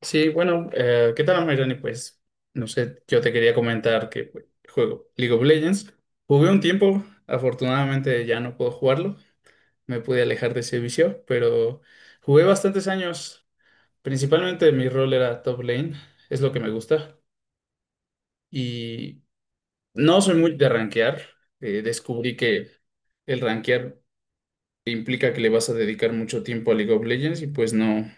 Sí, bueno, ¿qué tal, Mayrani? No sé, yo te quería comentar que pues, juego League of Legends. Jugué un tiempo, afortunadamente ya no puedo jugarlo, me pude alejar de ese vicio, pero jugué bastantes años. Principalmente mi rol era top lane, es lo que me gusta. Y no soy muy de rankear, descubrí que el rankear implica que le vas a dedicar mucho tiempo a League of Legends y pues no,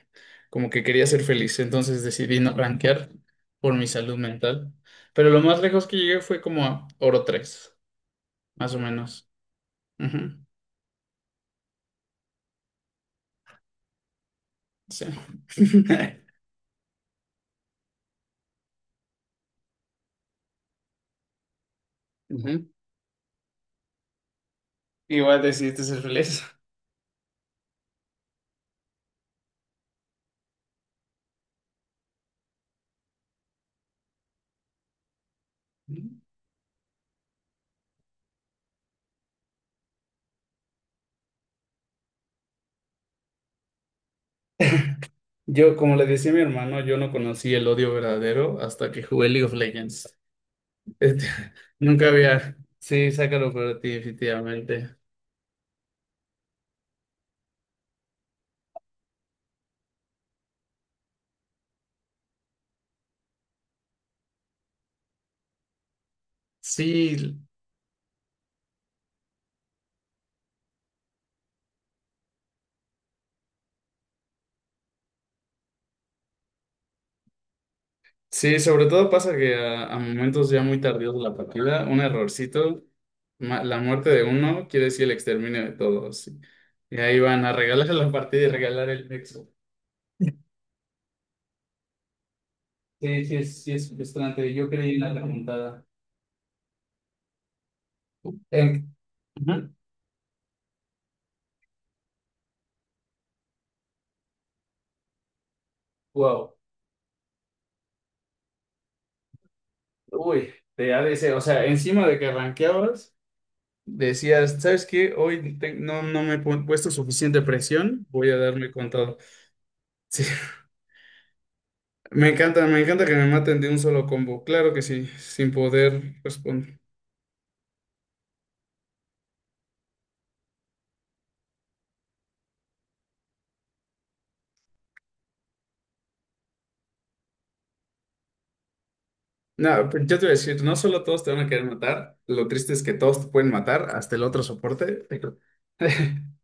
como que quería ser feliz, entonces decidí no rankear por mi salud mental. Pero lo más lejos que llegué fue como a oro tres más o menos. Ujú, sí. Ujú. Igual decidiste ser feliz. Yo, como le decía a mi hermano, yo no conocí el odio verdadero hasta que jugué League of Legends. Este, nunca había. Sí, sácalo para ti, definitivamente. Sí, sí, sobre todo pasa que a momentos ya muy tardíos de la partida, un errorcito, la muerte de uno quiere decir el exterminio de todos. Sí. Y ahí van a regalar la partida y regalar el nexo. Sí, sí es frustrante. Yo creí en la remontada. En- Ujú. Wow. Uy, de ADC. O sea, encima de que rankeabas, decías, ¿sabes qué? Hoy no, puesto suficiente presión, voy a darme con todo. Me encanta que me maten de un solo combo. Claro que sí, sin poder responder. No, pero yo te voy a decir, no solo todos te van a querer matar, lo triste es que todos te pueden matar, hasta el otro soporte.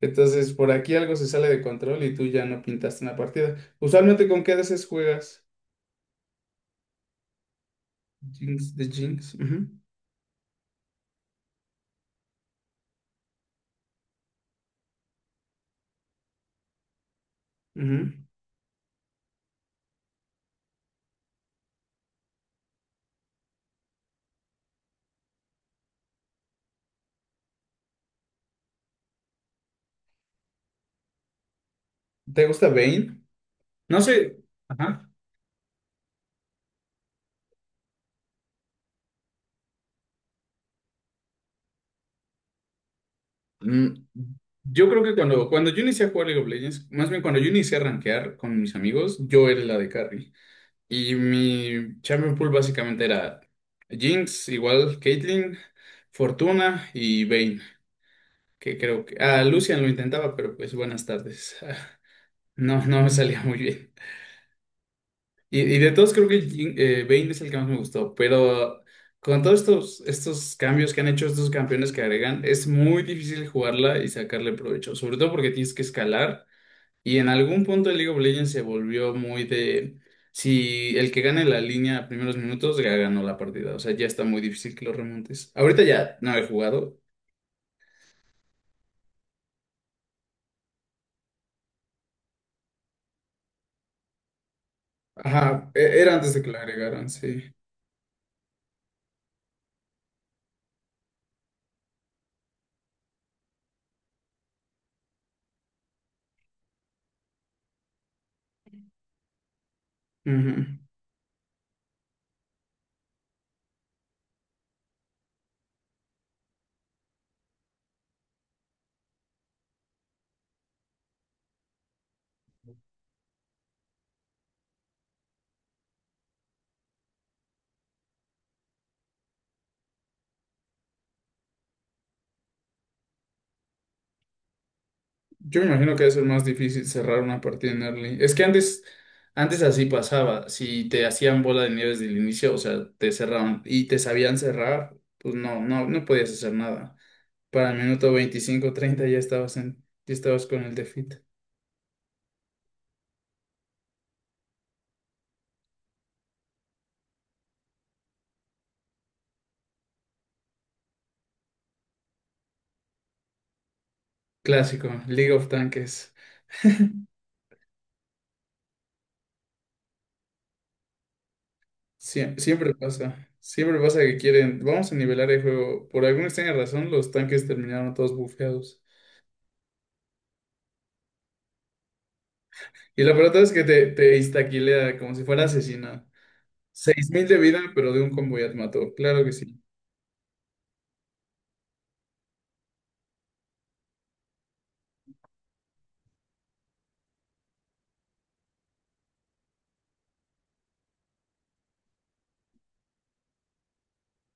Entonces, por aquí algo se sale de control y tú ya no pintaste una partida. Usualmente, ¿con qué veces juegas? Jinx, de Jinx. Ujú, ujú. ¿Te gusta Vayne? No sé. Ajá. Mm, Yo creo que cuando yo inicié a jugar League of Legends, más bien cuando yo inicié a rankear con mis amigos, yo era la de carry. Y mi champion pool básicamente era Jinx, igual Caitlyn, Fortuna y Vayne, que creo que... Ah, Lucian lo intentaba, pero pues buenas tardes. No, no me salía muy bien. Y de todos creo que Vayne es el que más me gustó, pero con todos estos cambios que han hecho estos campeones que agregan, es muy difícil jugarla y sacarle provecho, sobre todo porque tienes que escalar. Y en algún punto el League of Legends se volvió muy de si el que gane la línea a primeros minutos ya ganó la partida. O sea, ya está muy difícil que lo remontes. Ahorita ya no he jugado. Ajá, era antes de que la agregaran, sí. Ujú. Yo me imagino que debe ser más difícil cerrar una partida en early. Es que antes, antes así pasaba. Si te hacían bola de nieve desde el inicio, o sea, te cerraban y te sabían cerrar, pues no, no podías hacer nada. Para el minuto 25 30 ya estabas en, ya estabas con el defeat. Clásico, League of Tanques. Siempre pasa. Siempre pasa que quieren. Vamos a nivelar el juego. Por alguna extraña razón, los tanques terminaron todos bufeados. Y la pelota es que te instaquilea como si fuera asesina. Mil de vida, pero de un combo ya te mató. Claro que sí.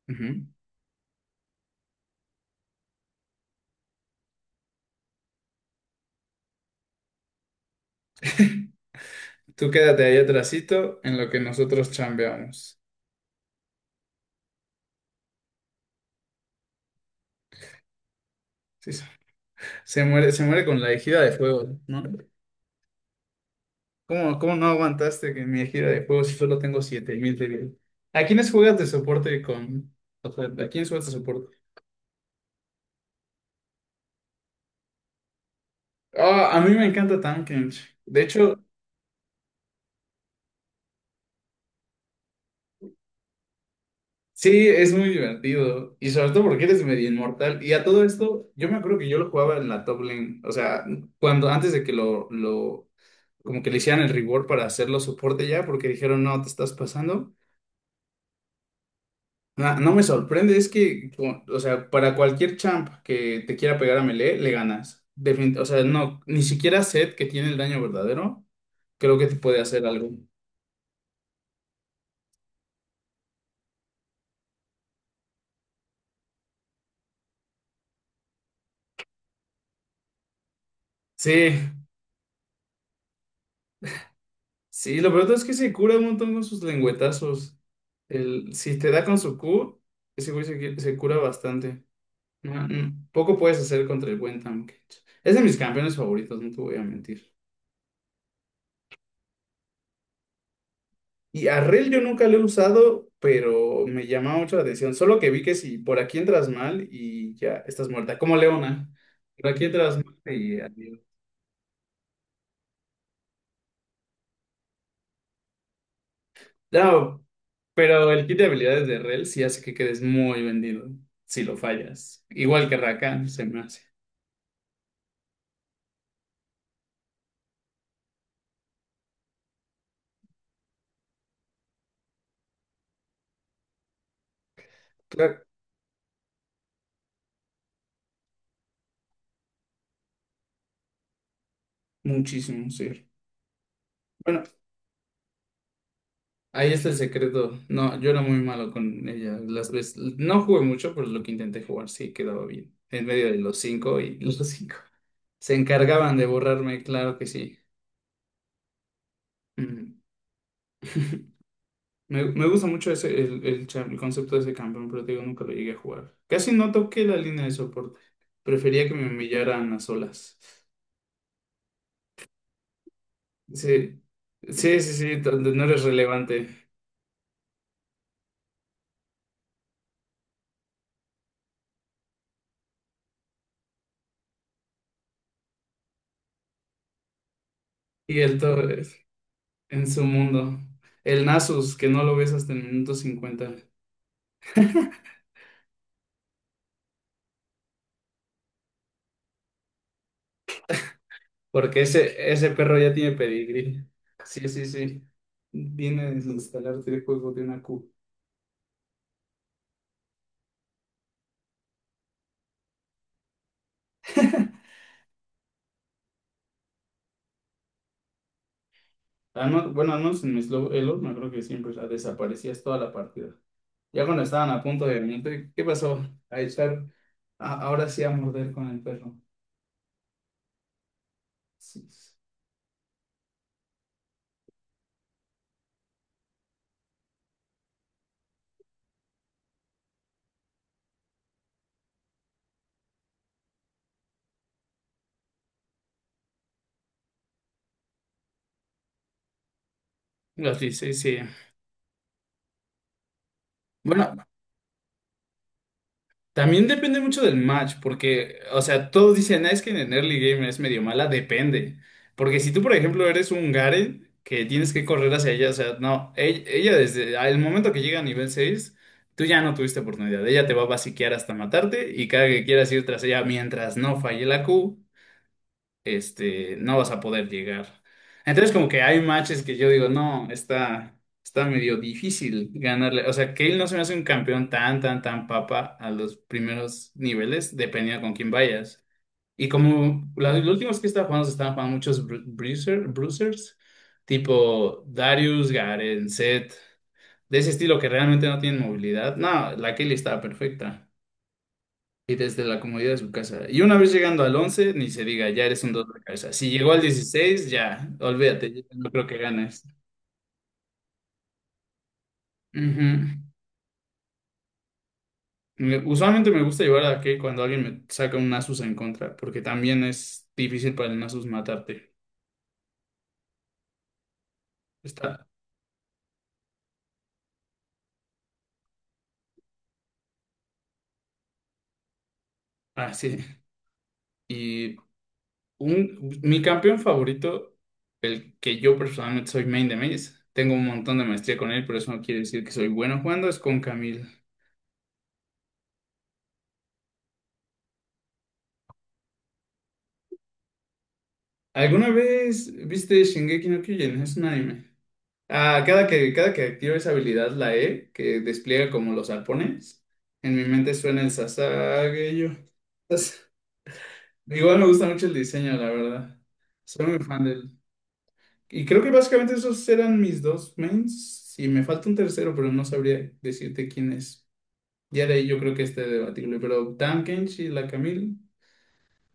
Ujú. Tú quédate ahí atrasito en lo que nosotros chambeamos. Sí, se se muere, se muere con la ejida de fuego, ¿no? ¿Cómo, cómo no aguantaste que en mi gira de juegos si solo tengo 7000 de vida? ¿A quiénes juegas de soporte con...? O sea, ¿a quiénes juegas de soporte? Ah, a mí me encanta Tankens. De hecho, sí, es muy divertido. Y sobre todo porque eres medio inmortal. Y a todo esto, yo me acuerdo que yo lo jugaba en la top lane. O sea, cuando antes de que lo como que le hicieran el reward para hacerlo soporte ya, porque dijeron, no, te estás pasando. No me sorprende, es que, o sea, para cualquier champ que te quiera pegar a Melee, le ganas. O sea, no, ni siquiera Zed, que tiene el daño verdadero, creo que te puede hacer algo. Sí, sí, lo peor es que se cura un montón con sus lengüetazos. El, si te da con su Q, ese güey se cura bastante. No, no, poco puedes hacer contra el buen Tahm Kench. Es de mis campeones favoritos, no te voy a mentir. Y a Rel yo nunca lo he usado, pero me llama mucho la atención. Solo que vi que si por aquí entras mal y ya estás muerta, como Leona. Por aquí entras mal y adiós. No, pero el kit de habilidades de Rel sí hace que quedes muy vendido si lo fallas. Igual que Rakan, se me hace. Claro. Muchísimo, sí. Bueno, ahí está el secreto. No, yo era muy malo con ella. Las veces, no jugué mucho, pero lo que intenté jugar sí quedaba bien. En medio de los cinco y los cinco. Se encargaban de borrarme, claro que sí. Mm. Me gusta mucho ese, el cha- el concepto de ese campeón, pero te digo, nunca lo llegué a jugar. Casi no toqué la línea de soporte. Prefería que me humillaran a solas. Sí, sí, sí, sí, donde no eres relevante. Y el todo en su mundo. El Nasus, que no lo ves hasta el minuto 50. Porque ese perro ya tiene pedigrí. Sí, sí, sí. Viene a desinstalarte el juego de una Q. Al bueno, al menos en mi slow elo, me acuerdo que siempre la desaparecías toda la partida. Ya cuando estaban a punto de venirte, ¿qué pasó? A echar, ahora sí a morder con el perro. Sí. Los 16, sí. Bueno, también depende mucho del match, porque, o sea, todos dicen, "Ah, es que en el early game es medio mala, depende. Porque si tú, por ejemplo, eres un Garen que tienes que correr hacia ella, o sea, no, ella desde el momento que llega a nivel 6 tú ya no tuviste oportunidad. Ella te va a basiquear hasta matarte y cada que quieras ir tras ella mientras no falle la Q no vas a poder llegar. Entonces, como que hay matches que yo digo, no, está medio difícil ganarle. O sea, Cale no se me hace un campeón tan, tan, tan papa a los primeros niveles, dependiendo con quién vayas. Y como últimos que estaba jugando se estaban jugando muchos bruisers, tipo Darius, Garen, Zed, de ese estilo que realmente no tienen movilidad. No, la Cale estaba perfecta. Y desde la comodidad de su casa. Y una vez llegando al 11 ni se diga, ya eres un dos de cabeza. Si llegó al 16 ya, olvídate, ya no creo que ganes. Ujú. Usualmente me gusta llevar a que cuando alguien me saca un Nasus en contra, porque también es difícil para el Nasus matarte. Está así. Y un, mi campeón favorito, el que yo personalmente soy main de mains, tengo un montón de maestría con él, pero eso no quiere decir que soy bueno jugando, es con Camille. ¿Alguna vez viste Shingeki no Kyojin? Es un anime. Ah, cada que activo esa habilidad, la E, que despliega como los arpones, en mi mente suena el Sasageyo. Entonces, igual me gusta mucho el diseño, la verdad. Soy muy fan del... Y creo que básicamente esos eran mis dos mains. Y me falta un tercero, pero no sabría decirte quién es. Ya de ahí yo creo que este debatible. Pero Dan Kenshi y la Camille,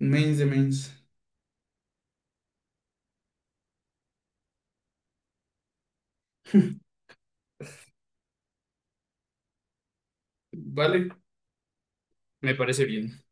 mains de mains. Vale, me parece bien.